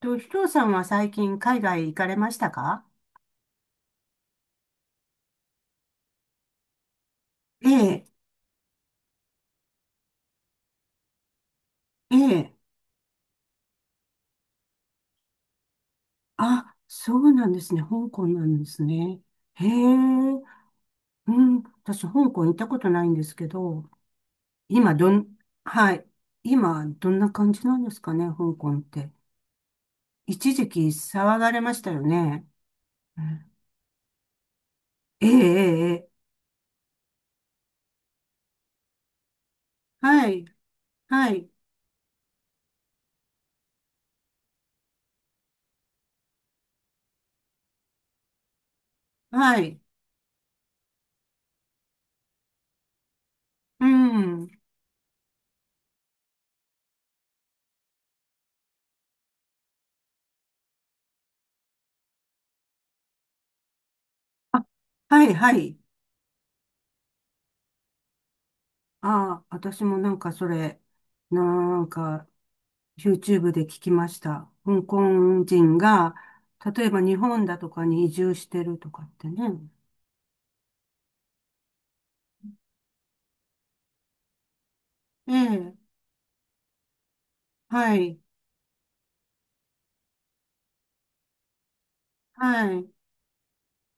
ひとさんは最近海外行かれましたか？ええ。ええ。あ、そうなんですね。香港なんですね。へえ。うん。私、香港行ったことないんですけど、今、どん、はい。今、どんな感じなんですかね、香港って。一時期騒がれましたよね。うん。ええ。ええ。ええ。はい。はい。はい。うん。あ、はい、はい。ああ、私もなんかそれ、なんか、YouTube で聞きました。香港人が、例えば日本だとかに移住してるとかってね。ええ。はい。はい。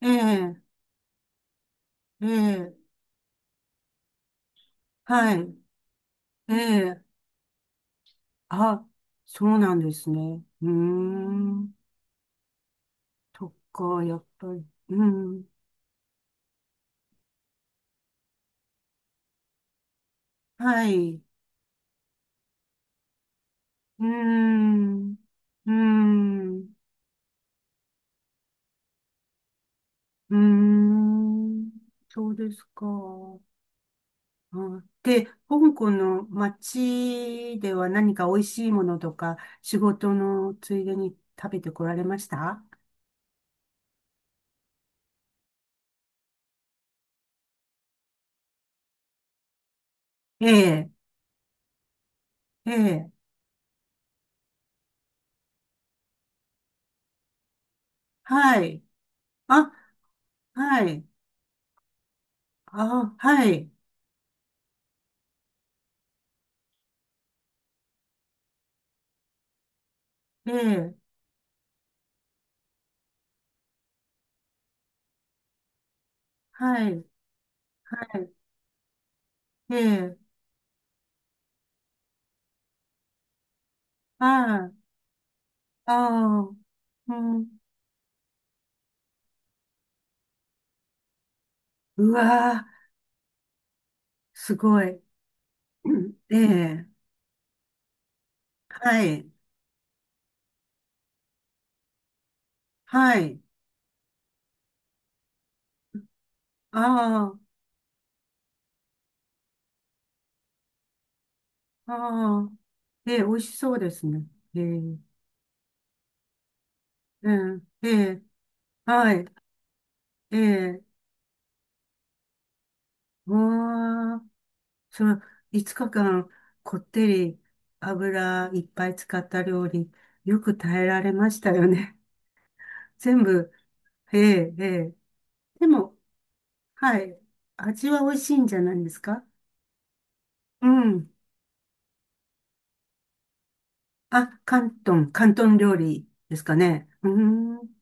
ええ。ええ。はい。ええ。あ、そうなんですね。うーん、とか、やっぱり、うん、はい、うーん、うーん、うーん、そうですか。うん。で、香港の街では何か美味しいものとか、仕事のついでに食べてこられました？ええ。ええ。はい。あ、はい。あ、はい。ええ。はい。ええ。ああ。ああ。うん。うわー。すごい。うん。ええ。はい。はい。ああ。ああ。ええ、美味しそうですね。ええ。うん。ええ。はい。ええ。わあ、その5日間こってり油いっぱい使った料理、よく耐えられましたよね。全部、ええ、ええ。でも、はい、味は美味しいんじゃないですか？うん。あ、広東、広東料理ですかね。うーん。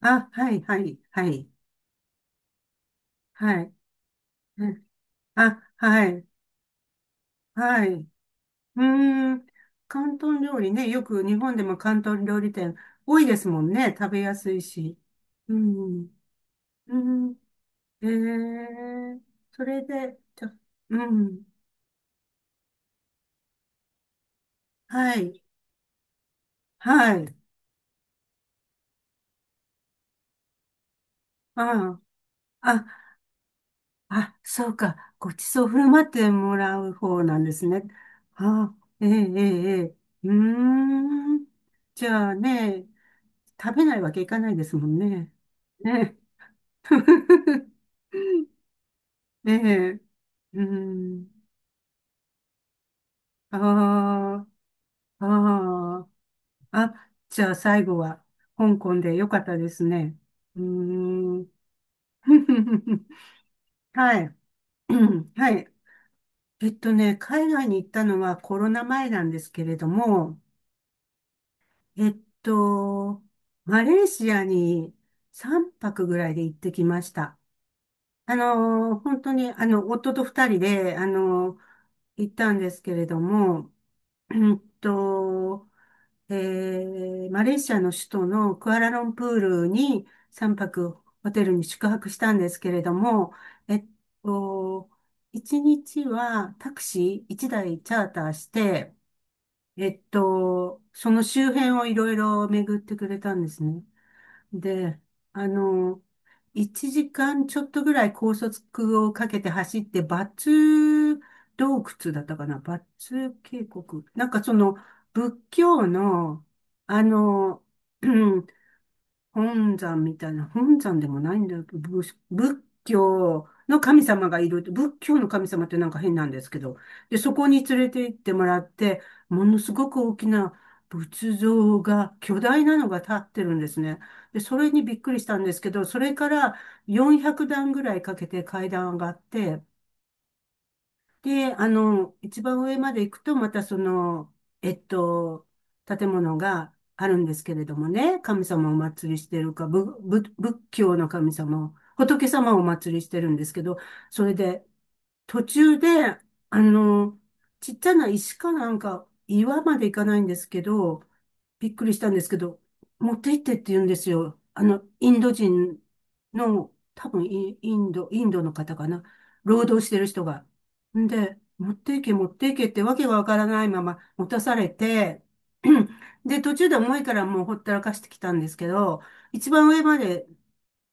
あ、はい、はい、はい、はい。うん。あ、はい、はい。うーん。広東料理ね。よく日本でも広東料理店多いですもんね。食べやすいし。うん。うん。えー、それで、うん。はい。はい。ああ。あ、あ、そうか。ごちそう振る舞ってもらう方なんですね。ああ、ええ、ええ、ええ。うーん。じゃあね、食べないわけいかないですもんね。ね。ええ、うん。ああ。ああ。あ、じゃあ最後は香港でよかったですね。うーん。はい。うん。はい。海外に行ったのはコロナ前なんですけれども、えっと、マレーシアに3泊ぐらいで行ってきました。本当に、夫と2人で、行ったんですけれども、うんと、マレーシアの首都のクアラルンプールに3泊ホテルに宿泊したんですけれども、えっと、1日はタクシー1台チャーターして、その周辺をいろいろ巡ってくれたんですね。で、あの、1時間ちょっとぐらい高速をかけて走って、バツ洞窟だったかな、バツ渓谷。なんかその、仏教の、あの、本山みたいな、本山でもないんだよ。仏教の神様がいる。仏教の神様ってなんか変なんですけど。で、そこに連れて行ってもらって、ものすごく大きな仏像が、巨大なのが立ってるんですね。で、それにびっくりしたんですけど、それから400段ぐらいかけて階段上がって、で、一番上まで行くと、またその、えっと、建物があるんですけれどもね、神様をお祭りしてるか、仏教の神様を、仏様をお祭りしてるんですけど、それで、途中で、あの、ちっちゃな石かなんか、岩まで行かないんですけど、びっくりしたんですけど、持って行ってって言うんですよ。インド人の、多分インドの方かな。労働してる人が。んで、持って行け、持って行けってわけがわからないまま持たされて、で、途中で重いからもうほったらかしてきたんですけど、一番上まで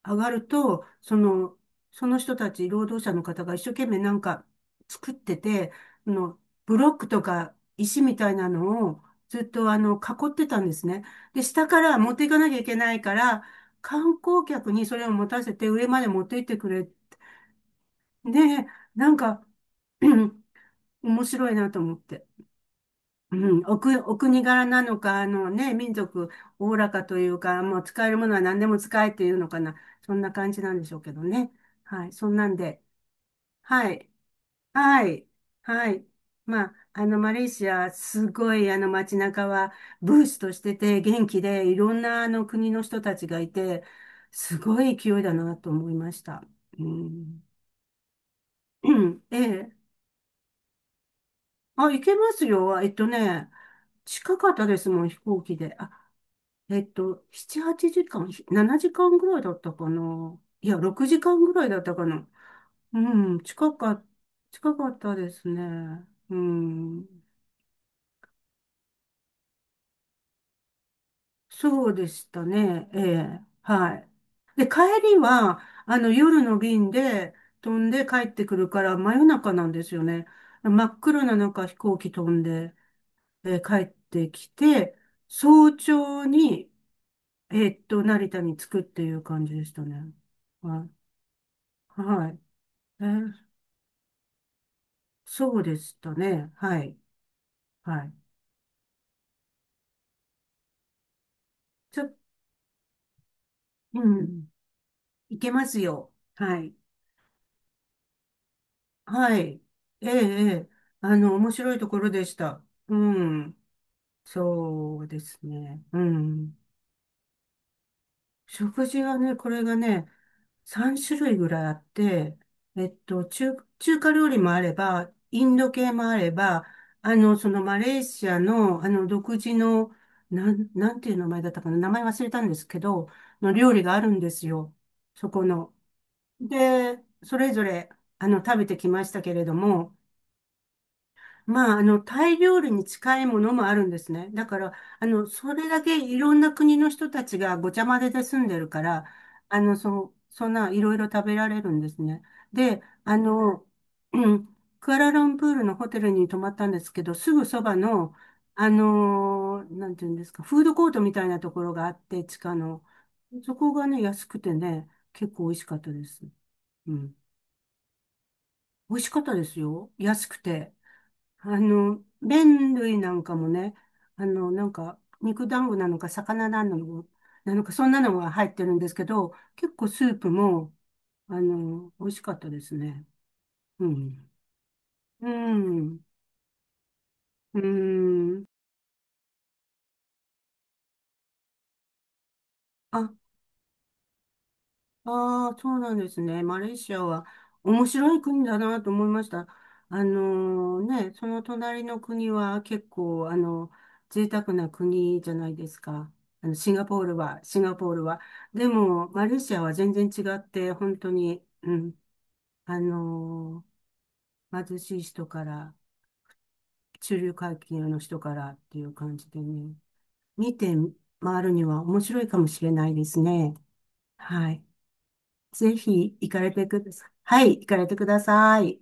上がると、その、人たち、労働者の方が一生懸命なんか作ってて、あの、ブロックとか石みたいなのをずっと囲ってたんですね。で、下から持っていかなきゃいけないから、観光客にそれを持たせて上まで持って行ってくれ。で、なんか、面白いなと思って。うん、お国柄なのか、あのね、民族、おおらかというか、もう使えるものは何でも使えっていうのかな。そんな感じなんでしょうけどね。はい、そんなんで。はい、はい、はい。まあ、マレーシア、すごい、街中は、ブースとしてて、元気で、いろんな、国の人たちがいて、すごい勢いだなと思いました。うん。うん。ええ。あ、行けますよ。近かったですもん、飛行機で。あ、7、8時間、7時間ぐらいだったかな。いや、6時間ぐらいだったかな。うん、近かったですね。うん、そうでしたね。ええ、はい。で、帰りは、夜の便で飛んで帰ってくるから、真夜中なんですよね。真っ暗な中、飛行機飛んで、帰ってきて、早朝に、成田に着くっていう感じでしたね。はい。はい。えーそうでしたね。はい。はい。ちょ、うん。いけますよ。はい。はい。ええ、ええ。面白いところでした。うん。そうですね。うん。食事はね、これがね、3種類ぐらいあって、中華料理もあれば、インド系もあれば、そのマレーシアの、独自の、なんていう名前だったかな、名前忘れたんですけど、の料理があるんですよ。そこの。で、それぞれ、食べてきましたけれども、まあ、タイ料理に近いものもあるんですね。だから、それだけいろんな国の人たちがごちゃ混ぜで住んでるから、そんないろいろ食べられるんですね。で、うん、クアラルンプールのホテルに泊まったんですけど、すぐそばの、なんていうんですか、フードコートみたいなところがあって、地下の。そこがね、安くてね、結構美味しかったです。うん。美味しかったですよ。安くて。麺類なんかもね、なんか、肉団子なのか、魚なのか、そんなのが入ってるんですけど、結構スープも、美味しかったですね。うん。うん。うん。あ、ああ、そうなんですね。マレーシアは面白い国だなと思いました。その隣の国は結構、贅沢な国じゃないですか。シンガポールは、シンガポールは。でも、マレーシアは全然違って、本当に、うん、あの貧しい人から、中流階級の人からっていう感じでね、見て回るには面白いかもしれないですね。はい。ぜひ行かれてください。はい、行かれてください。